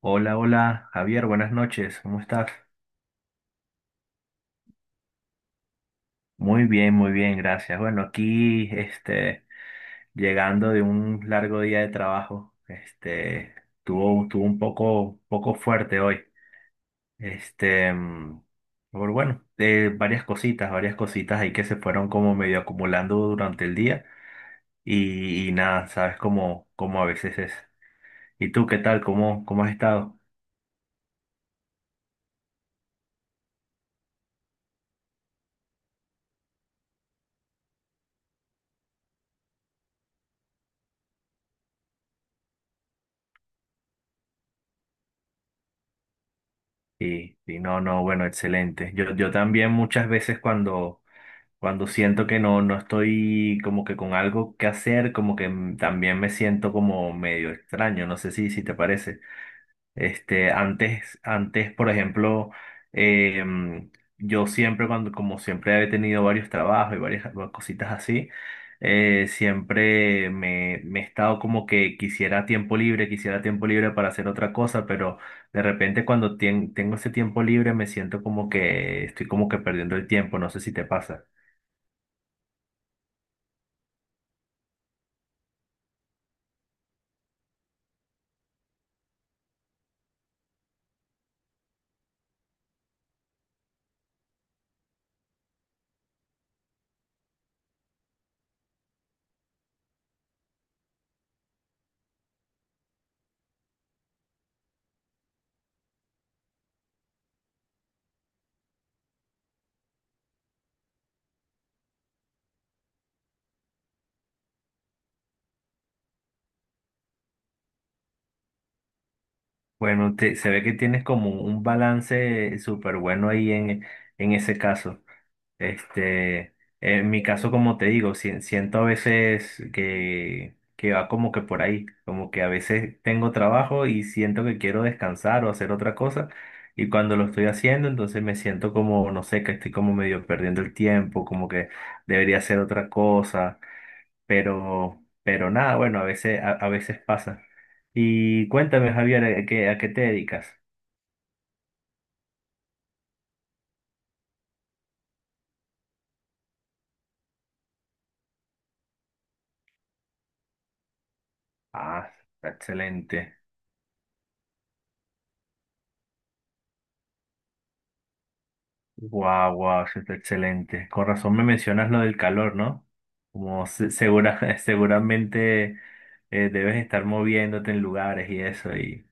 Hola, hola, Javier, buenas noches, ¿cómo estás? Muy bien, gracias. Bueno, aquí, llegando de un largo día de trabajo, tuvo un poco fuerte hoy. Este, mm, pero bueno, varias cositas ahí que se fueron como medio acumulando durante el día y nada, sabes cómo, cómo a veces es. ¿Y tú qué tal? ¿Cómo, cómo has estado? Y no, no, bueno, excelente. Yo también muchas veces cuando siento que no estoy como que con algo que hacer, como que también me siento como medio extraño, no sé si te parece. Este, antes, por ejemplo, eh, mm, yo siempre cuando, como siempre he tenido varios trabajos y varias cositas así, siempre me he estado como que quisiera tiempo libre para hacer otra cosa, pero de repente cuando tengo ese tiempo libre me siento como que estoy como que perdiendo el tiempo, no sé si te pasa. Bueno, se ve que tienes como un balance súper bueno ahí en ese caso. Este, en mi caso, como te digo, siento a veces que va como que por ahí, como que a veces tengo trabajo y siento que quiero descansar o hacer otra cosa, y cuando lo estoy haciendo, entonces me siento como, no sé, que estoy como medio perdiendo el tiempo, como que debería hacer otra cosa pero nada, bueno, a veces, a veces pasa. Y cuéntame, Javier, a qué te dedicas? Ah, está excelente. Guau, guau, eso está excelente. Con razón me mencionas lo del calor, ¿no? Como segura, seguramente debes estar moviéndote en lugares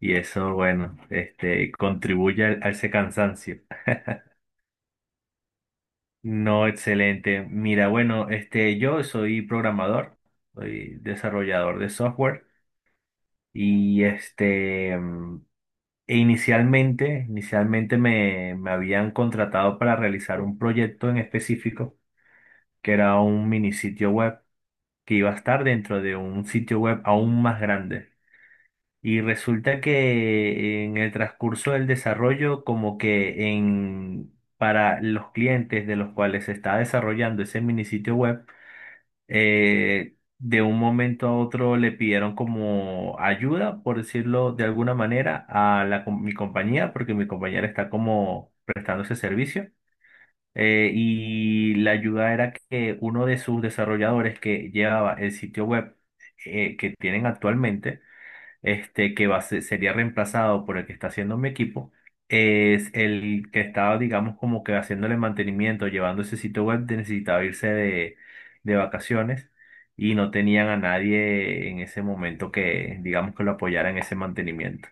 y eso, bueno, este, contribuye a ese cansancio. No, excelente. Mira, bueno, este, yo soy programador, soy desarrollador de software. Y e inicialmente, inicialmente me habían contratado para realizar un proyecto en específico, que era un mini sitio web, que iba a estar dentro de un sitio web aún más grande. Y resulta que en el transcurso del desarrollo, como que en, para los clientes de los cuales se está desarrollando ese mini sitio web, de un momento a otro le pidieron como ayuda, por decirlo de alguna manera, a la, mi compañía, porque mi compañera está como prestando ese servicio. Y la ayuda era que uno de sus desarrolladores que llevaba el sitio web que tienen actualmente, este, que va a sería reemplazado por el que está haciendo mi equipo, es el que estaba, digamos, como que haciéndole mantenimiento, llevando ese sitio web, necesitaba irse de vacaciones y no tenían a nadie en ese momento que, digamos, que lo apoyara en ese mantenimiento.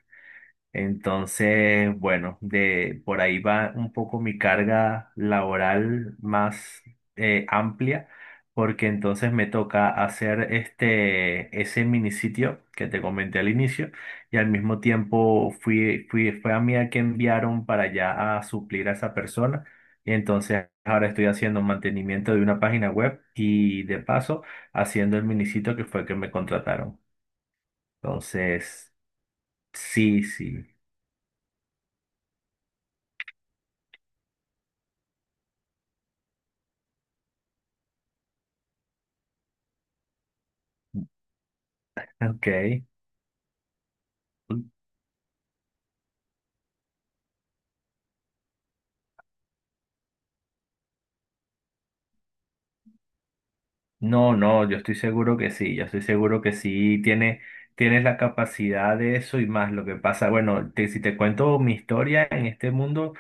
Entonces, bueno, de por ahí va un poco mi carga laboral más amplia, porque entonces me toca hacer este ese mini sitio que te comenté al inicio, y al mismo tiempo fue a mí a que enviaron para allá a suplir a esa persona. Y entonces ahora estoy haciendo mantenimiento de una página web y de paso haciendo el mini sitio que fue que me contrataron. Entonces, sí, sí. Ok. No, no, yo estoy seguro que sí, yo estoy seguro que sí tiene, tienes la capacidad de eso y más. Lo que pasa, bueno, si te cuento mi historia en este mundo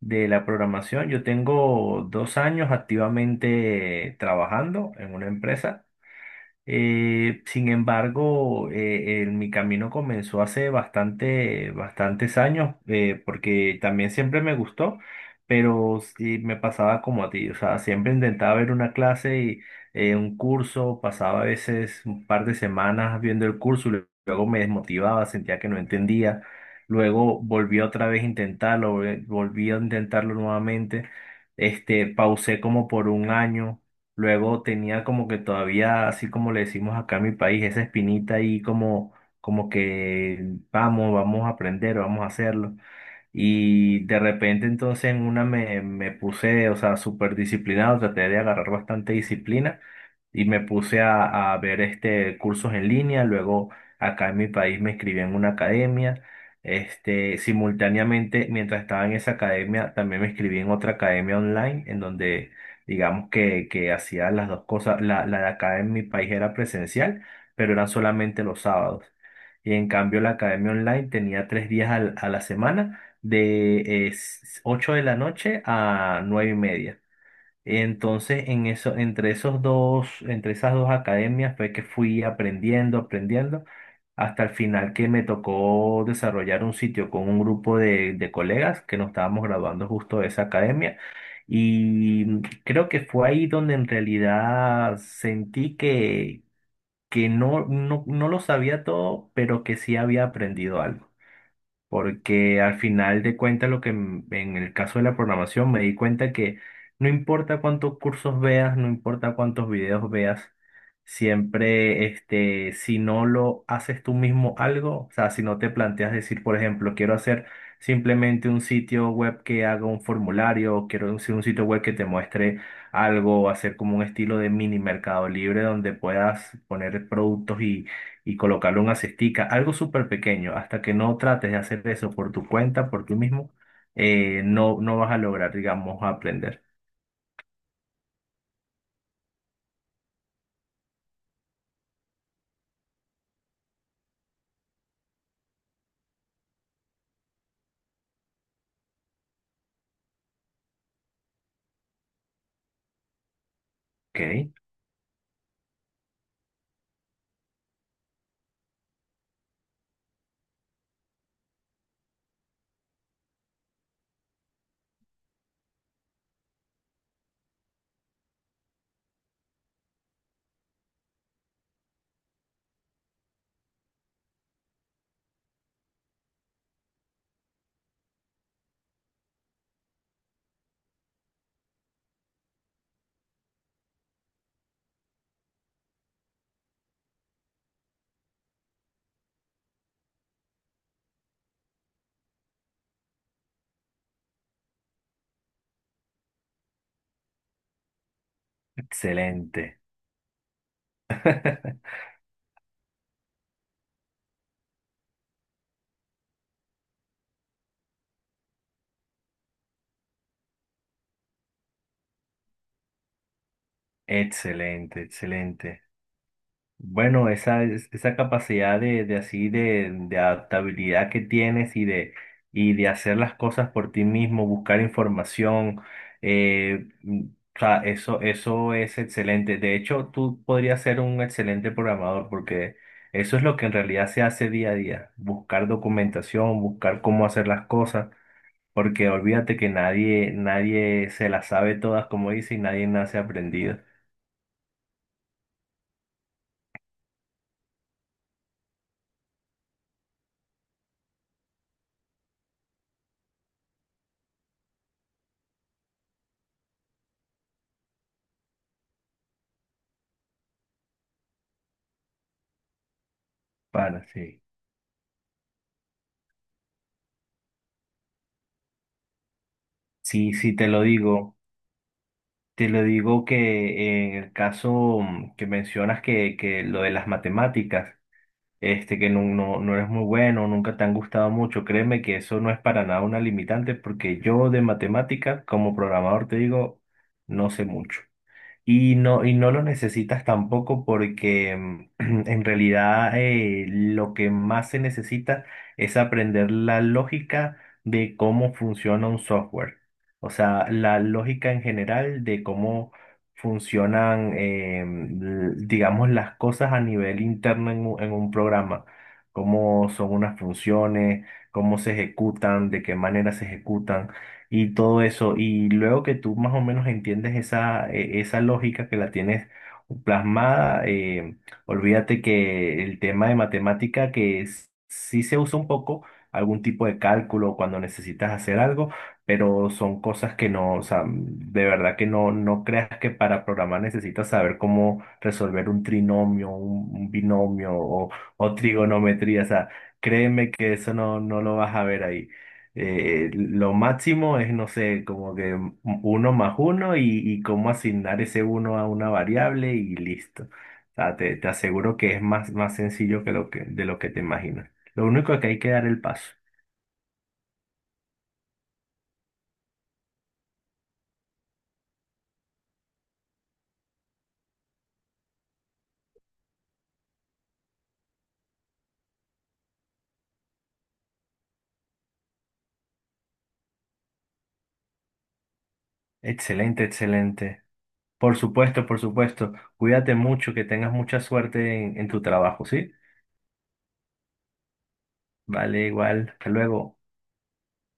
de la programación, yo tengo dos años activamente trabajando en una empresa. Sin embargo, mi camino comenzó hace bastante, bastantes años, porque también siempre me gustó, pero sí me pasaba como a ti, o sea, siempre intentaba ver una clase y un curso, pasaba a veces un par de semanas viendo el curso, y luego me desmotivaba, sentía que no entendía, luego volví otra vez a intentarlo, volví a intentarlo nuevamente, este, pausé como por un año. Luego tenía como que todavía, así como le decimos acá en mi país, esa espinita ahí como, como que vamos, vamos a aprender, vamos a hacerlo. Y de repente entonces en una me puse, o sea, súper disciplinado, traté de agarrar bastante disciplina y me puse a ver este cursos en línea. Luego acá en mi país me inscribí en una academia. Este, simultáneamente, mientras estaba en esa academia, también me inscribí en otra academia online, en donde digamos que hacía las dos cosas. La de acá en mi país era presencial, pero eran solamente los sábados. Y en cambio la academia online tenía tres días a la semana de 8 de la noche a 9 y media. Entonces, en eso, entre esos dos, entre esas dos academias fue que fui aprendiendo, aprendiendo, hasta el final que me tocó desarrollar un sitio con un grupo de colegas que nos estábamos graduando justo de esa academia. Y creo que fue ahí donde en realidad sentí que no, no, no lo sabía todo, pero que sí había aprendido algo. Porque al final de cuentas, lo que en el caso de la programación me di cuenta que no importa cuántos cursos veas, no importa cuántos videos veas, siempre, este, si no lo haces tú mismo algo, o sea, si no te planteas decir, por ejemplo, quiero hacer simplemente un sitio web que haga un formulario, o quiero hacer un sitio web que te muestre algo, o hacer como un estilo de mini mercado libre donde puedas poner productos y colocarle una cestica, algo súper pequeño, hasta que no trates de hacer eso por tu cuenta, por ti mismo, no vas a lograr, digamos, aprender. Ok, excelente, excelente, excelente. Bueno, esa, esa capacidad de así de adaptabilidad que tienes y de hacer las cosas por ti mismo, buscar información, eh, mm, o sea, eso es excelente. De hecho, tú podrías ser un excelente programador porque eso es lo que en realidad se hace día a día, buscar documentación, buscar cómo hacer las cosas, porque olvídate que nadie, nadie se las sabe todas, como dice, y nadie nace aprendido. Para, sí. Sí, sí, te lo digo. Te lo digo que en el caso que mencionas que lo de las matemáticas, este, que no, no, no eres muy bueno, nunca te han gustado mucho, créeme que eso no es para nada una limitante porque yo de matemáticas como programador te digo, no sé mucho. Y no los necesitas tampoco porque en realidad lo que más se necesita es aprender la lógica de cómo funciona un software. O sea, la lógica en general de cómo funcionan, digamos, las cosas a nivel interno en un programa. Cómo son unas funciones, cómo se ejecutan, de qué manera se ejecutan y todo eso. Y luego que tú más o menos entiendes esa, esa lógica que la tienes plasmada, olvídate que el tema de matemática que sí se usa un poco, algún tipo de cálculo cuando necesitas hacer algo, pero son cosas que no, o sea, de verdad que no, no creas que para programar necesitas saber cómo resolver un trinomio, un binomio o trigonometría, o sea, créeme que eso no, no lo vas a ver ahí. Lo máximo es, no sé, como que uno más uno y cómo asignar ese uno a una variable y listo. O sea, te aseguro que es más, más sencillo que lo que, de lo que te imaginas. Lo único es que hay que dar el paso. Excelente, excelente. Por supuesto, por supuesto. Cuídate mucho, que tengas mucha suerte en tu trabajo, ¿sí? Vale, igual. Hasta luego.